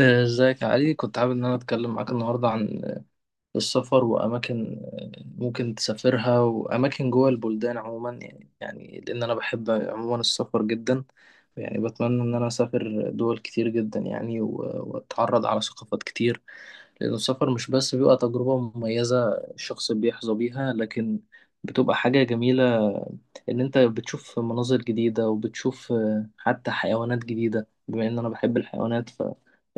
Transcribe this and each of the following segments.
ازيك يا علي؟ كنت حابب ان انا اتكلم معاك النهارده عن السفر واماكن ممكن تسافرها واماكن جوه البلدان عموما، يعني لان انا بحب عموما السفر جدا. يعني بتمنى ان انا اسافر دول كتير جدا، يعني واتعرض على ثقافات كتير، لأن السفر مش بس بيبقى تجربة مميزة الشخص بيحظى بيها، لكن بتبقى حاجة جميلة إن أنت بتشوف مناظر جديدة، وبتشوف حتى حيوانات جديدة، بما إن أنا بحب الحيوانات،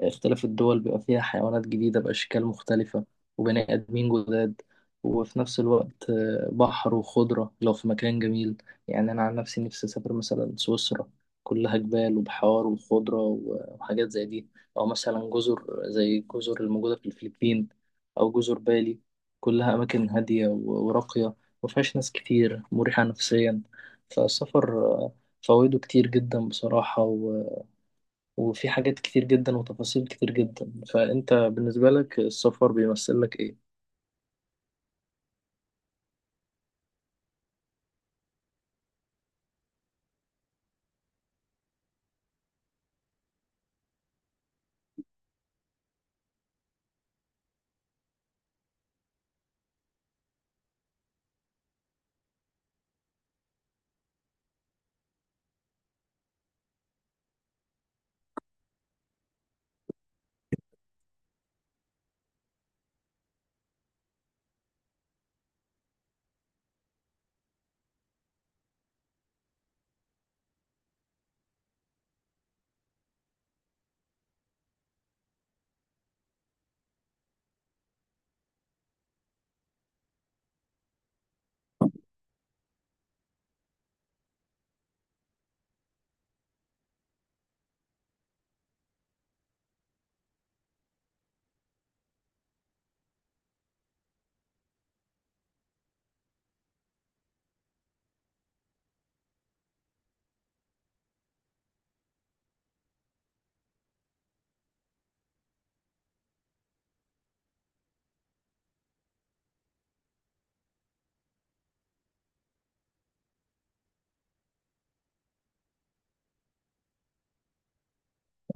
فاختلاف الدول بيبقى فيها حيوانات جديدة بأشكال مختلفة، وبني آدمين جداد. وفي نفس الوقت بحر وخضرة لو في مكان جميل. يعني أنا عن نفسي نفسي أسافر مثلا سويسرا، كلها جبال وبحار وخضرة وحاجات زي دي، أو مثلا جزر زي الجزر الموجودة في الفلبين، أو جزر بالي. كلها أماكن هادية وراقية، مفيهاش ناس كتير، مريحة نفسيا. فالسفر فوائده كتير جدا بصراحة وفي حاجات كتير جدا وتفاصيل كتير جدا. فأنت بالنسبة لك السفر بيمثل لك إيه؟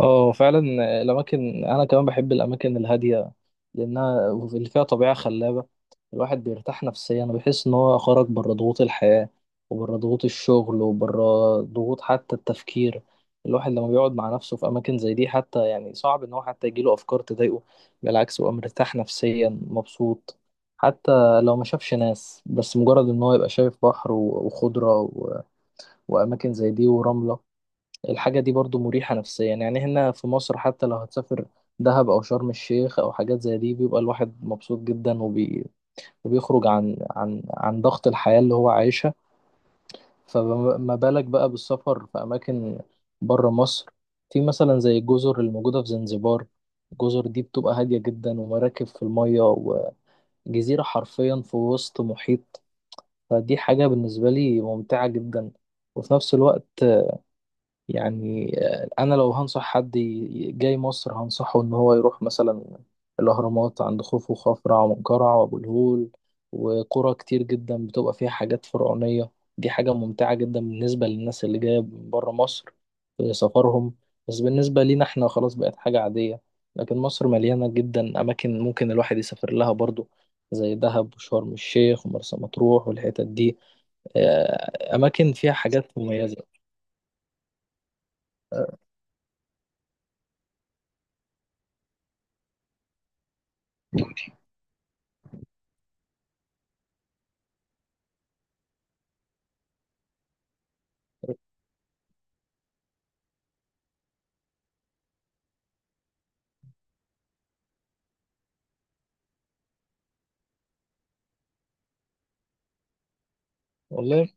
اه فعلا. الاماكن، انا كمان بحب الاماكن الهاديه، لانها اللي فيها طبيعه خلابه. الواحد بيرتاح نفسيا وبيحس ان هو خرج بره ضغوط الحياه، وبره ضغوط الشغل، وبره ضغوط حتى التفكير. الواحد لما بيقعد مع نفسه في اماكن زي دي، حتى يعني صعب ان هو حتى يجيله افكار تضايقه. بالعكس، هو مرتاح نفسيا مبسوط، حتى لو ما شافش ناس، بس مجرد ان هو يبقى شايف بحر وخضره واماكن زي دي ورمله، الحاجة دي برضو مريحة نفسيا. يعني هنا في مصر، حتى لو هتسافر دهب أو شرم الشيخ أو حاجات زي دي، بيبقى الواحد مبسوط جدا وبيخرج عن عن ضغط الحياة اللي هو عايشها. فما بالك بقى بالسفر في أماكن بره مصر، في مثلا زي الجزر الموجودة في زنزبار؟ الجزر دي بتبقى هادية جدا، ومراكب في المية، وجزيرة حرفيا في وسط محيط. فدي حاجة بالنسبة لي ممتعة جدا. وفي نفس الوقت يعني انا لو هنصح حد جاي مصر، هنصحه ان هو يروح مثلا الاهرامات عند خوفو وخفرع ومنقرع وابو الهول، وقرى كتير جدا بتبقى فيها حاجات فرعونية. دي حاجة ممتعة جدا بالنسبة للناس اللي جاية من بره مصر في سفرهم. بس بالنسبة لينا احنا خلاص بقت حاجة عادية. لكن مصر مليانة جدا أماكن ممكن الواحد يسافر لها برضو، زي دهب وشرم الشيخ ومرسى مطروح والحتت دي. أماكن فيها حاجات مميزة. والله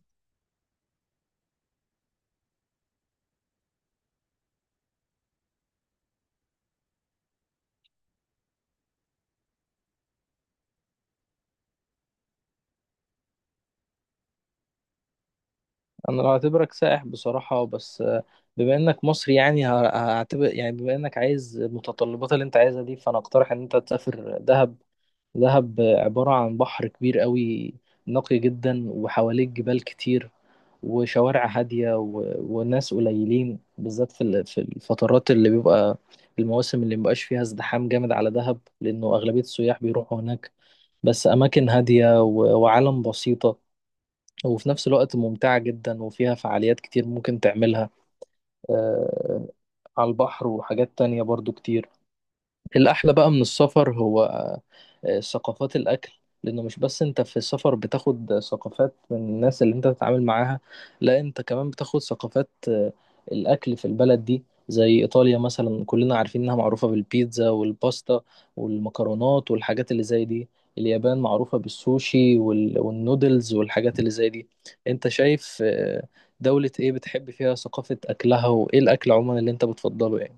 انا لو هعتبرك سائح بصراحة، بس بما انك مصري يعني هعتبر، يعني بما انك عايز المتطلبات اللي انت عايزها دي، فانا اقترح ان انت تسافر دهب. دهب عبارة عن بحر كبير قوي نقي جدا، وحواليك جبال كتير، وشوارع هادية وناس قليلين، بالذات في في الفترات اللي بيبقى المواسم اللي مبقاش فيها ازدحام جامد على دهب، لأنه أغلبية السياح بيروحوا هناك. بس أماكن هادية وعالم بسيطة، وفي نفس الوقت ممتعة جدا وفيها فعاليات كتير ممكن تعملها، آه، على البحر وحاجات تانية برضو كتير. الأحلى بقى من السفر هو ثقافات الأكل، لأنه مش بس أنت في السفر بتاخد ثقافات من الناس اللي أنت بتتعامل معاها، لا أنت كمان بتاخد ثقافات الأكل في البلد دي، زي إيطاليا مثلا، كلنا عارفين إنها معروفة بالبيتزا والباستا والمكرونات والحاجات اللي زي دي. اليابان معروفة بالسوشي والنودلز والحاجات اللي زي دي. أنت شايف دولة إيه بتحب فيها ثقافة أكلها، وإيه الأكل عموما اللي أنت بتفضله يعني؟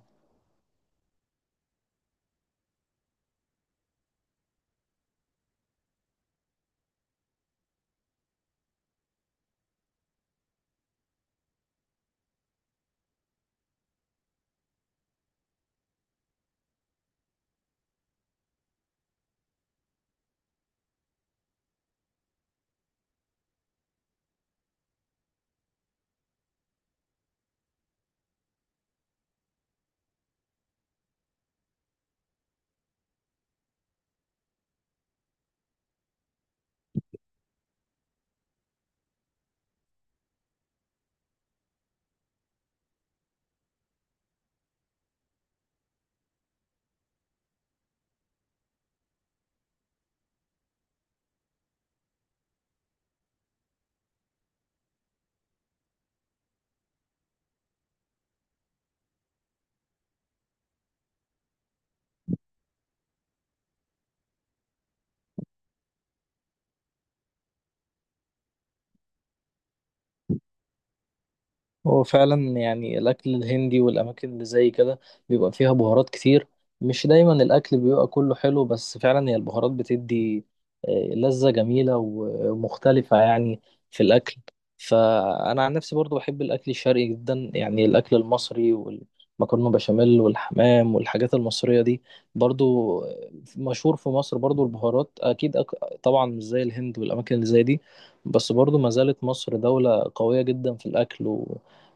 هو فعلا يعني الأكل الهندي والأماكن اللي زي كده بيبقى فيها بهارات كتير، مش دايما الأكل بيبقى كله حلو، بس فعلا هي البهارات بتدي لذة جميلة ومختلفة يعني في الأكل. فأنا عن نفسي برضو بحب الأكل الشرقي جدا، يعني الأكل المصري والمكرونة بشاميل والحمام والحاجات المصرية دي. برضو مشهور في مصر برضو البهارات، أكيد. طبعا مش زي الهند والأماكن اللي زي دي، بس برضو ما زالت مصر دولة قوية جدا في الأكل،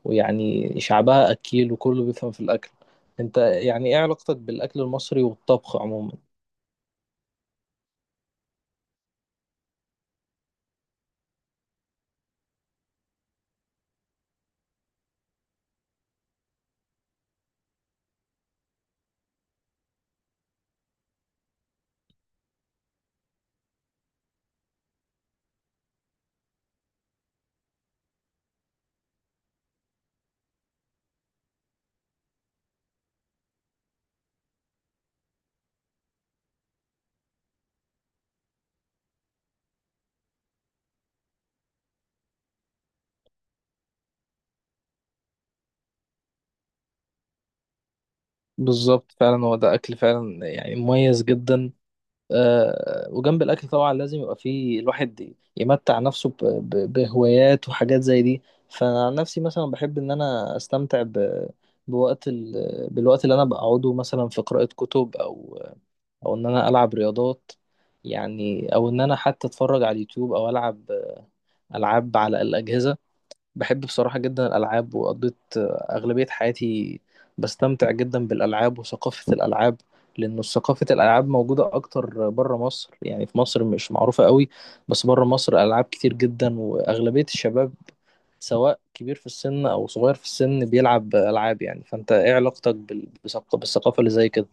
ويعني شعبها أكيل وكله بيفهم في الأكل. أنت يعني إيه علاقتك بالأكل المصري والطبخ عموما؟ بالظبط، فعلا هو ده أكل فعلا يعني مميز جدا. آه، وجنب الأكل طبعا لازم يبقى فيه الواحد يمتع نفسه بهوايات وحاجات زي دي. فأنا عن نفسي مثلا بحب إن أنا أستمتع بوقت ال... بالوقت اللي أنا بقعده مثلا في قراءة كتب، أو أو إن أنا ألعب رياضات يعني، أو إن أنا حتى أتفرج على اليوتيوب، أو ألعب ألعاب على الأجهزة. بحب بصراحة جدا الألعاب، وقضيت أغلبية حياتي بستمتع جدا بالألعاب وثقافة الألعاب، لأن ثقافة الألعاب موجودة أكتر بره مصر، يعني في مصر مش معروفة قوي، بس بره مصر ألعاب كتير جدا، وأغلبية الشباب سواء كبير في السن أو صغير في السن بيلعب ألعاب. يعني فأنت إيه علاقتك بالثقافة اللي زي كده؟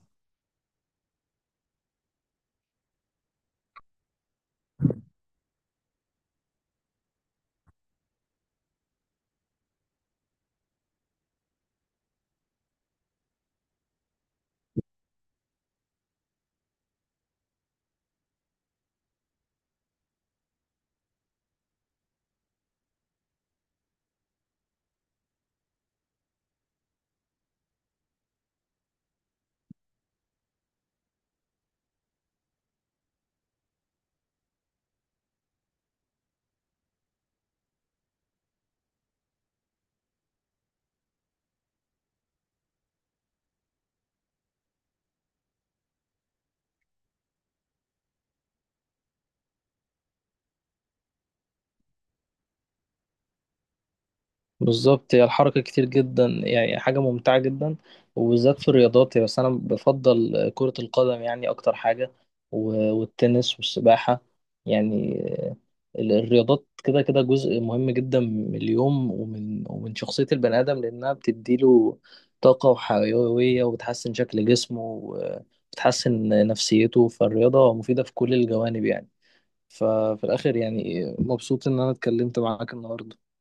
بالظبط، هي الحركة كتير جدا، يعني حاجة ممتعة جدا وبالذات في الرياضات، يعني بس أنا بفضل كرة القدم يعني أكتر حاجة، والتنس والسباحة يعني. الرياضات كده جزء مهم جدا من اليوم ومن ومن شخصية البني آدم، لأنها بتديله طاقة وحيوية، وبتحسن شكل جسمه، وبتحسن نفسيته. فالرياضة مفيدة في كل الجوانب يعني. ففي الآخر يعني مبسوط إن أنا اتكلمت معاك النهاردة.